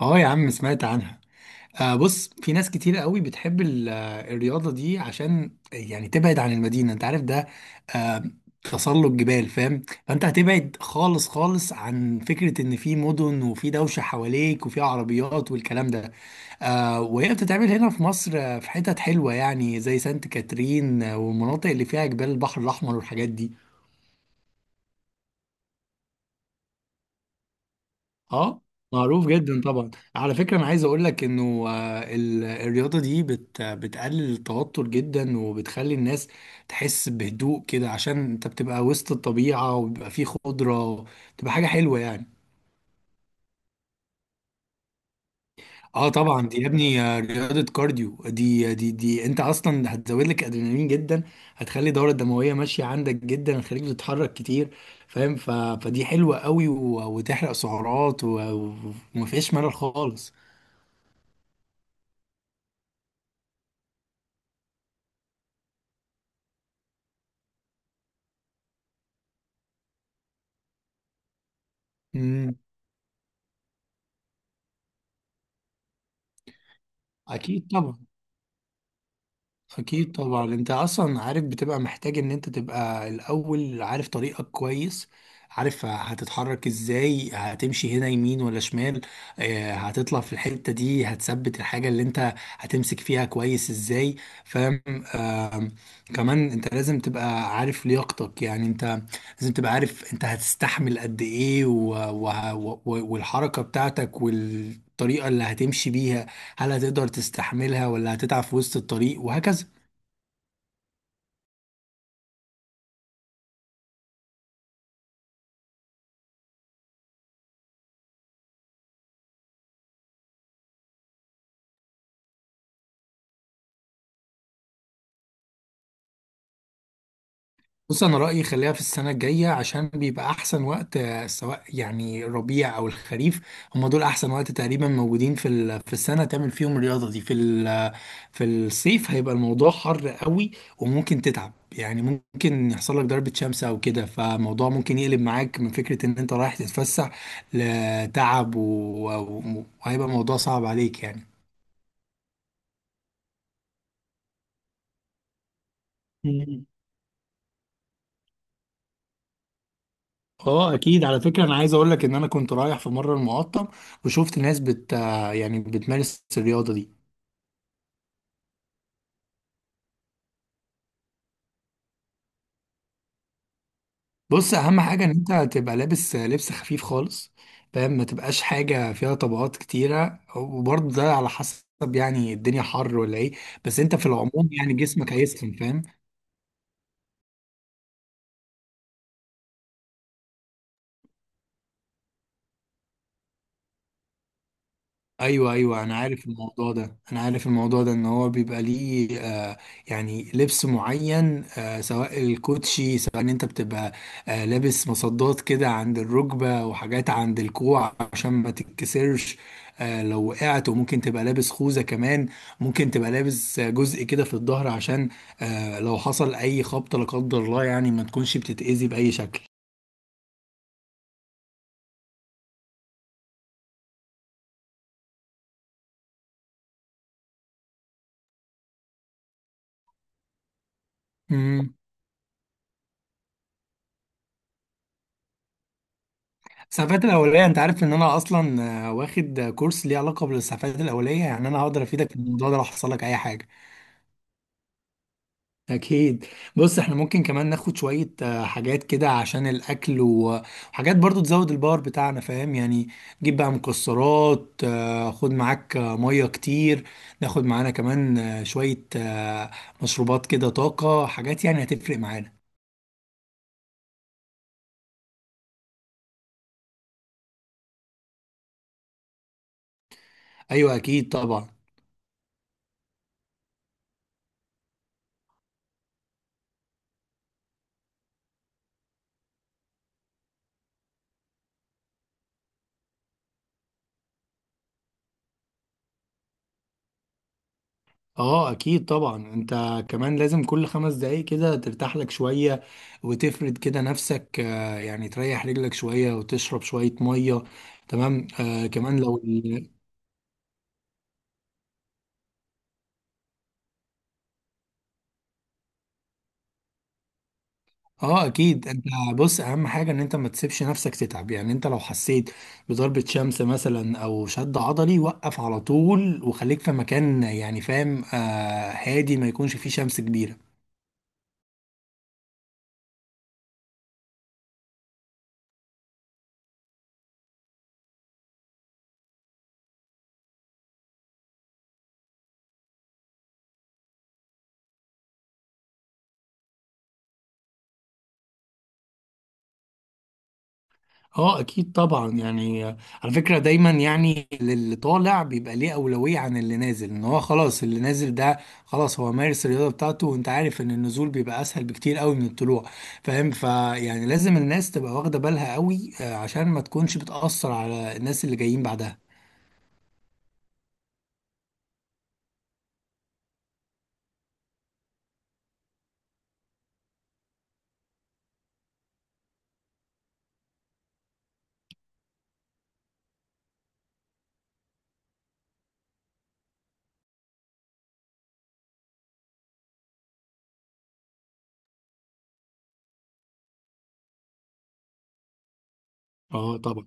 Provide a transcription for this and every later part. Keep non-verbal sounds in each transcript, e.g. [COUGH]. اه يا عم، سمعت عنها. بص، في ناس كتير قوي بتحب الرياضة دي، عشان يعني تبعد عن المدينة، انت عارف ده. آه تسلق جبال، فاهم؟ فانت هتبعد خالص خالص عن فكرة ان في مدن وفي دوشة حواليك وفي عربيات والكلام ده. وهي بتتعمل هنا في مصر، في حتت حلوة، يعني زي سانت كاترين، والمناطق اللي فيها جبال البحر الأحمر والحاجات دي. اه، معروف جدا طبعا. على فكرة، انا عايز اقول لك انه الرياضة دي بتقلل التوتر جدا، وبتخلي الناس تحس بهدوء كده عشان انت بتبقى وسط الطبيعة وبيبقى فيه خضرة. بتبقى حاجة حلوة يعني. اه طبعا، دي يا ابني رياضة كارديو. دي انت اصلا هتزود لك ادرينالين جدا، هتخلي الدورة الدموية ماشية عندك جدا، هتخليك تتحرك كتير، فاهم. فدي حلوة قوي، وتحرق سعرات، ومفيش ملل خالص. اكيد طبعا. اكيد طبعا، انت اصلا عارف بتبقى محتاج ان انت تبقى الاول عارف طريقك كويس، عارف هتتحرك ازاي، هتمشي هنا يمين ولا شمال، هتطلع في الحتة دي، هتثبت الحاجة اللي انت هتمسك فيها كويس ازاي، فاهم. آم، كمان انت لازم تبقى عارف لياقتك، يعني انت لازم تبقى عارف انت هتستحمل قد ايه، و... والحركة بتاعتك والطريقة اللي هتمشي بيها، هل هتقدر تستحملها ولا هتتعب في وسط الطريق وهكذا. بص، انا رأيي خليها في السنة الجاية عشان بيبقى احسن وقت، سواء يعني الربيع او الخريف. هم دول احسن وقت تقريبا، موجودين في السنة، تعمل فيهم الرياضة دي في الصيف. هيبقى الموضوع حر قوي وممكن تتعب، يعني ممكن يحصل لك ضربة شمس او كده، فالموضوع ممكن يقلب معاك من فكرة ان انت رايح تتفسح لتعب، وهيبقى الموضوع صعب عليك يعني. اه اكيد. على فكره، انا عايز اقول لك ان انا كنت رايح في مره المقطم وشفت ناس يعني بتمارس الرياضه دي. بص، اهم حاجه ان انت تبقى لابس لبس خفيف خالص، فاهم، ما تبقاش حاجه فيها طبقات كتيره. وبرضه ده على حسب يعني الدنيا حر ولا ايه، بس انت في العموم يعني جسمك هيسخن، فاهم. ايوه، ايوه، انا عارف الموضوع ده، انا عارف الموضوع ده، ان هو بيبقى ليه يعني لبس معين، سواء الكوتشي، سواء ان انت بتبقى لابس مصدات كده عند الركبه وحاجات عند الكوع عشان ما تتكسرش لو وقعت. وممكن تبقى لابس خوذه كمان، ممكن تبقى لابس جزء كده في الظهر عشان لو حصل اي خبطه لا قدر الله، يعني ما تكونش بتتاذي باي شكل. مم. الإسعافات الأولية، أنت عارف إن أنا أصلا واخد كورس ليه علاقة بالإسعافات الأولية، يعني أنا هقدر أفيدك في الموضوع ده لو حصل لك أي حاجة. أكيد. بص، إحنا ممكن كمان ناخد شوية حاجات كده عشان الأكل، وحاجات برضو تزود الباور بتاعنا، فاهم يعني. جيب بقى مكسرات، خد معاك مية كتير. ناخد معانا كمان شوية مشروبات كده، طاقة، حاجات يعني هتفرق معانا. أيوة، أكيد طبعا. اه اكيد طبعا. انت كمان لازم كل 5 دقايق كده ترتاح لك شوية، وتفرد كده نفسك، يعني تريح رجلك شوية وتشرب شوية مية، تمام. كمان، لو اه اكيد. انت، بص، اهم حاجة ان انت ما تسيبش نفسك تتعب، يعني انت لو حسيت بضربة شمس مثلا او شد عضلي، وقف على طول وخليك في مكان يعني، فاهم، هادي، ما يكونش فيه شمس كبيرة. اه، اكيد طبعا. يعني على فكره، دايما يعني اللي طالع بيبقى ليه اولويه عن اللي نازل، ان هو خلاص اللي نازل ده خلاص هو مارس الرياضه بتاعته، وانت عارف ان النزول بيبقى اسهل بكتير قوي من الطلوع، فاهم، فيعني لازم الناس تبقى واخده بالها قوي، عشان ما تكونش بتاثر على الناس اللي جايين بعدها. اه طبعا.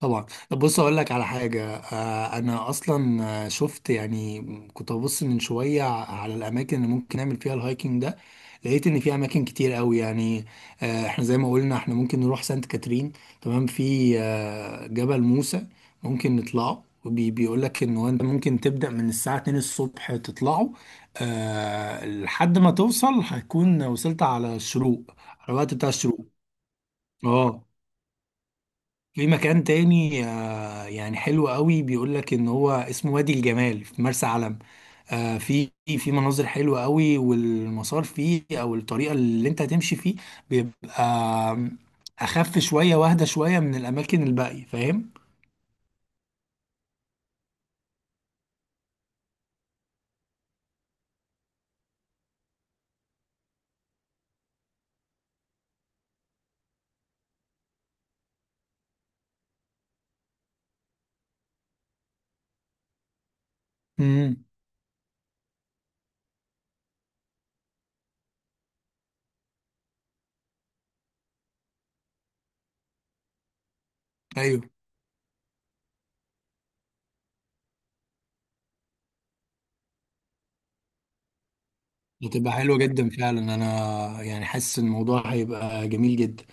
طبعا، بص اقول لك على حاجه، انا اصلا شفت، يعني كنت ببص من شويه على الاماكن اللي ممكن نعمل فيها الهايكنج ده، لقيت ان في اماكن كتير قوي يعني. احنا زي ما قلنا احنا ممكن نروح سانت كاترين، تمام. في جبل موسى، ممكن نطلعه وبيقول لك ان هو انت ممكن تبدا من الساعه 2 الصبح تطلعه، لحد ما توصل هتكون وصلت على الشروق، على الوقت بتاع الشروق. اه. في مكان تاني يعني حلو قوي، بيقول لك ان هو اسمه وادي الجمال في مرسى علم. آه في في مناظر حلوه قوي، والمسار فيه او الطريقه اللي انت هتمشي فيه بيبقى اخف شويه واهدى شويه من الاماكن الباقيه، فاهم. امم ايوه، بتبقى حلوه جدا فعلا. انا يعني حاسس إن الموضوع هيبقى جميل جدا.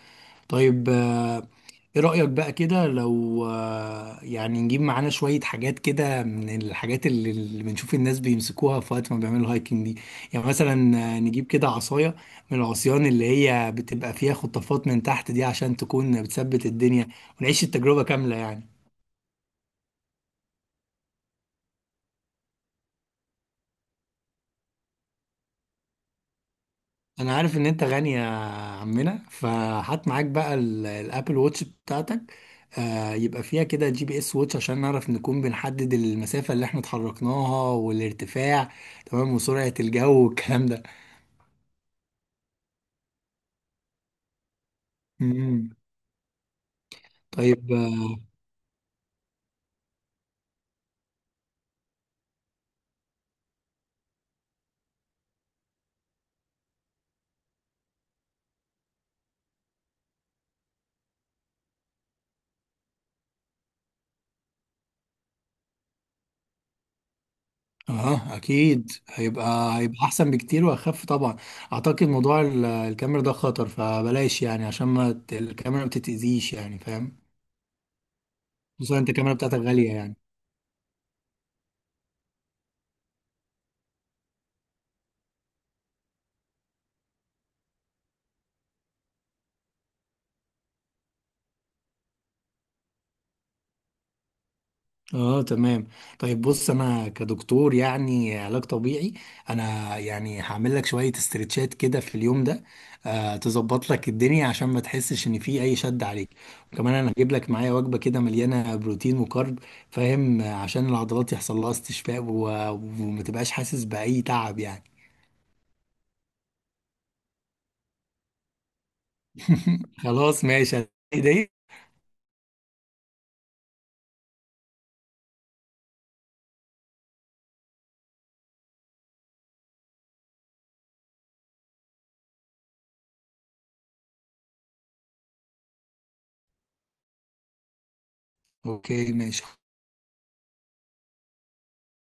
طيب، ايه رأيك بقى كده لو يعني نجيب معانا شوية حاجات كده من الحاجات اللي بنشوف الناس بيمسكوها في وقت ما بيعملوا هايكنج دي. يعني مثلا نجيب كده عصاية من العصيان اللي هي بتبقى فيها خطافات من تحت دي، عشان تكون بتثبت الدنيا، ونعيش التجربة كاملة يعني. انا عارف ان انت غني يا عمنا، فهات معاك بقى الابل ووتش بتاعتك، يبقى فيها كده GPS ووتش، عشان نعرف نكون بنحدد المسافة اللي احنا اتحركناها والارتفاع، تمام، وسرعة الجو والكلام ده. مم. طيب، اه. اكيد هيبقى احسن بكتير واخف طبعا. اعتقد موضوع الكاميرا ده خطر، فبلاش يعني، عشان ما الكاميرا ما تتأذيش، يعني فاهم، خصوصا انت الكاميرا بتاعتك غالية يعني. اه تمام. طيب، بص، انا كدكتور يعني علاج طبيعي، انا يعني هعمل لك شويه استرتشات كده في اليوم ده، تظبط لك الدنيا عشان ما تحسش ان في اي شد عليك. وكمان انا هجيب لك معايا وجبه كده مليانه بروتين وكارب، فاهم، عشان العضلات يحصل لها استشفاء، وما تبقاش حاسس باي تعب يعني. [LAUGHS] خلاص ماشي. دي اوكي ماشي.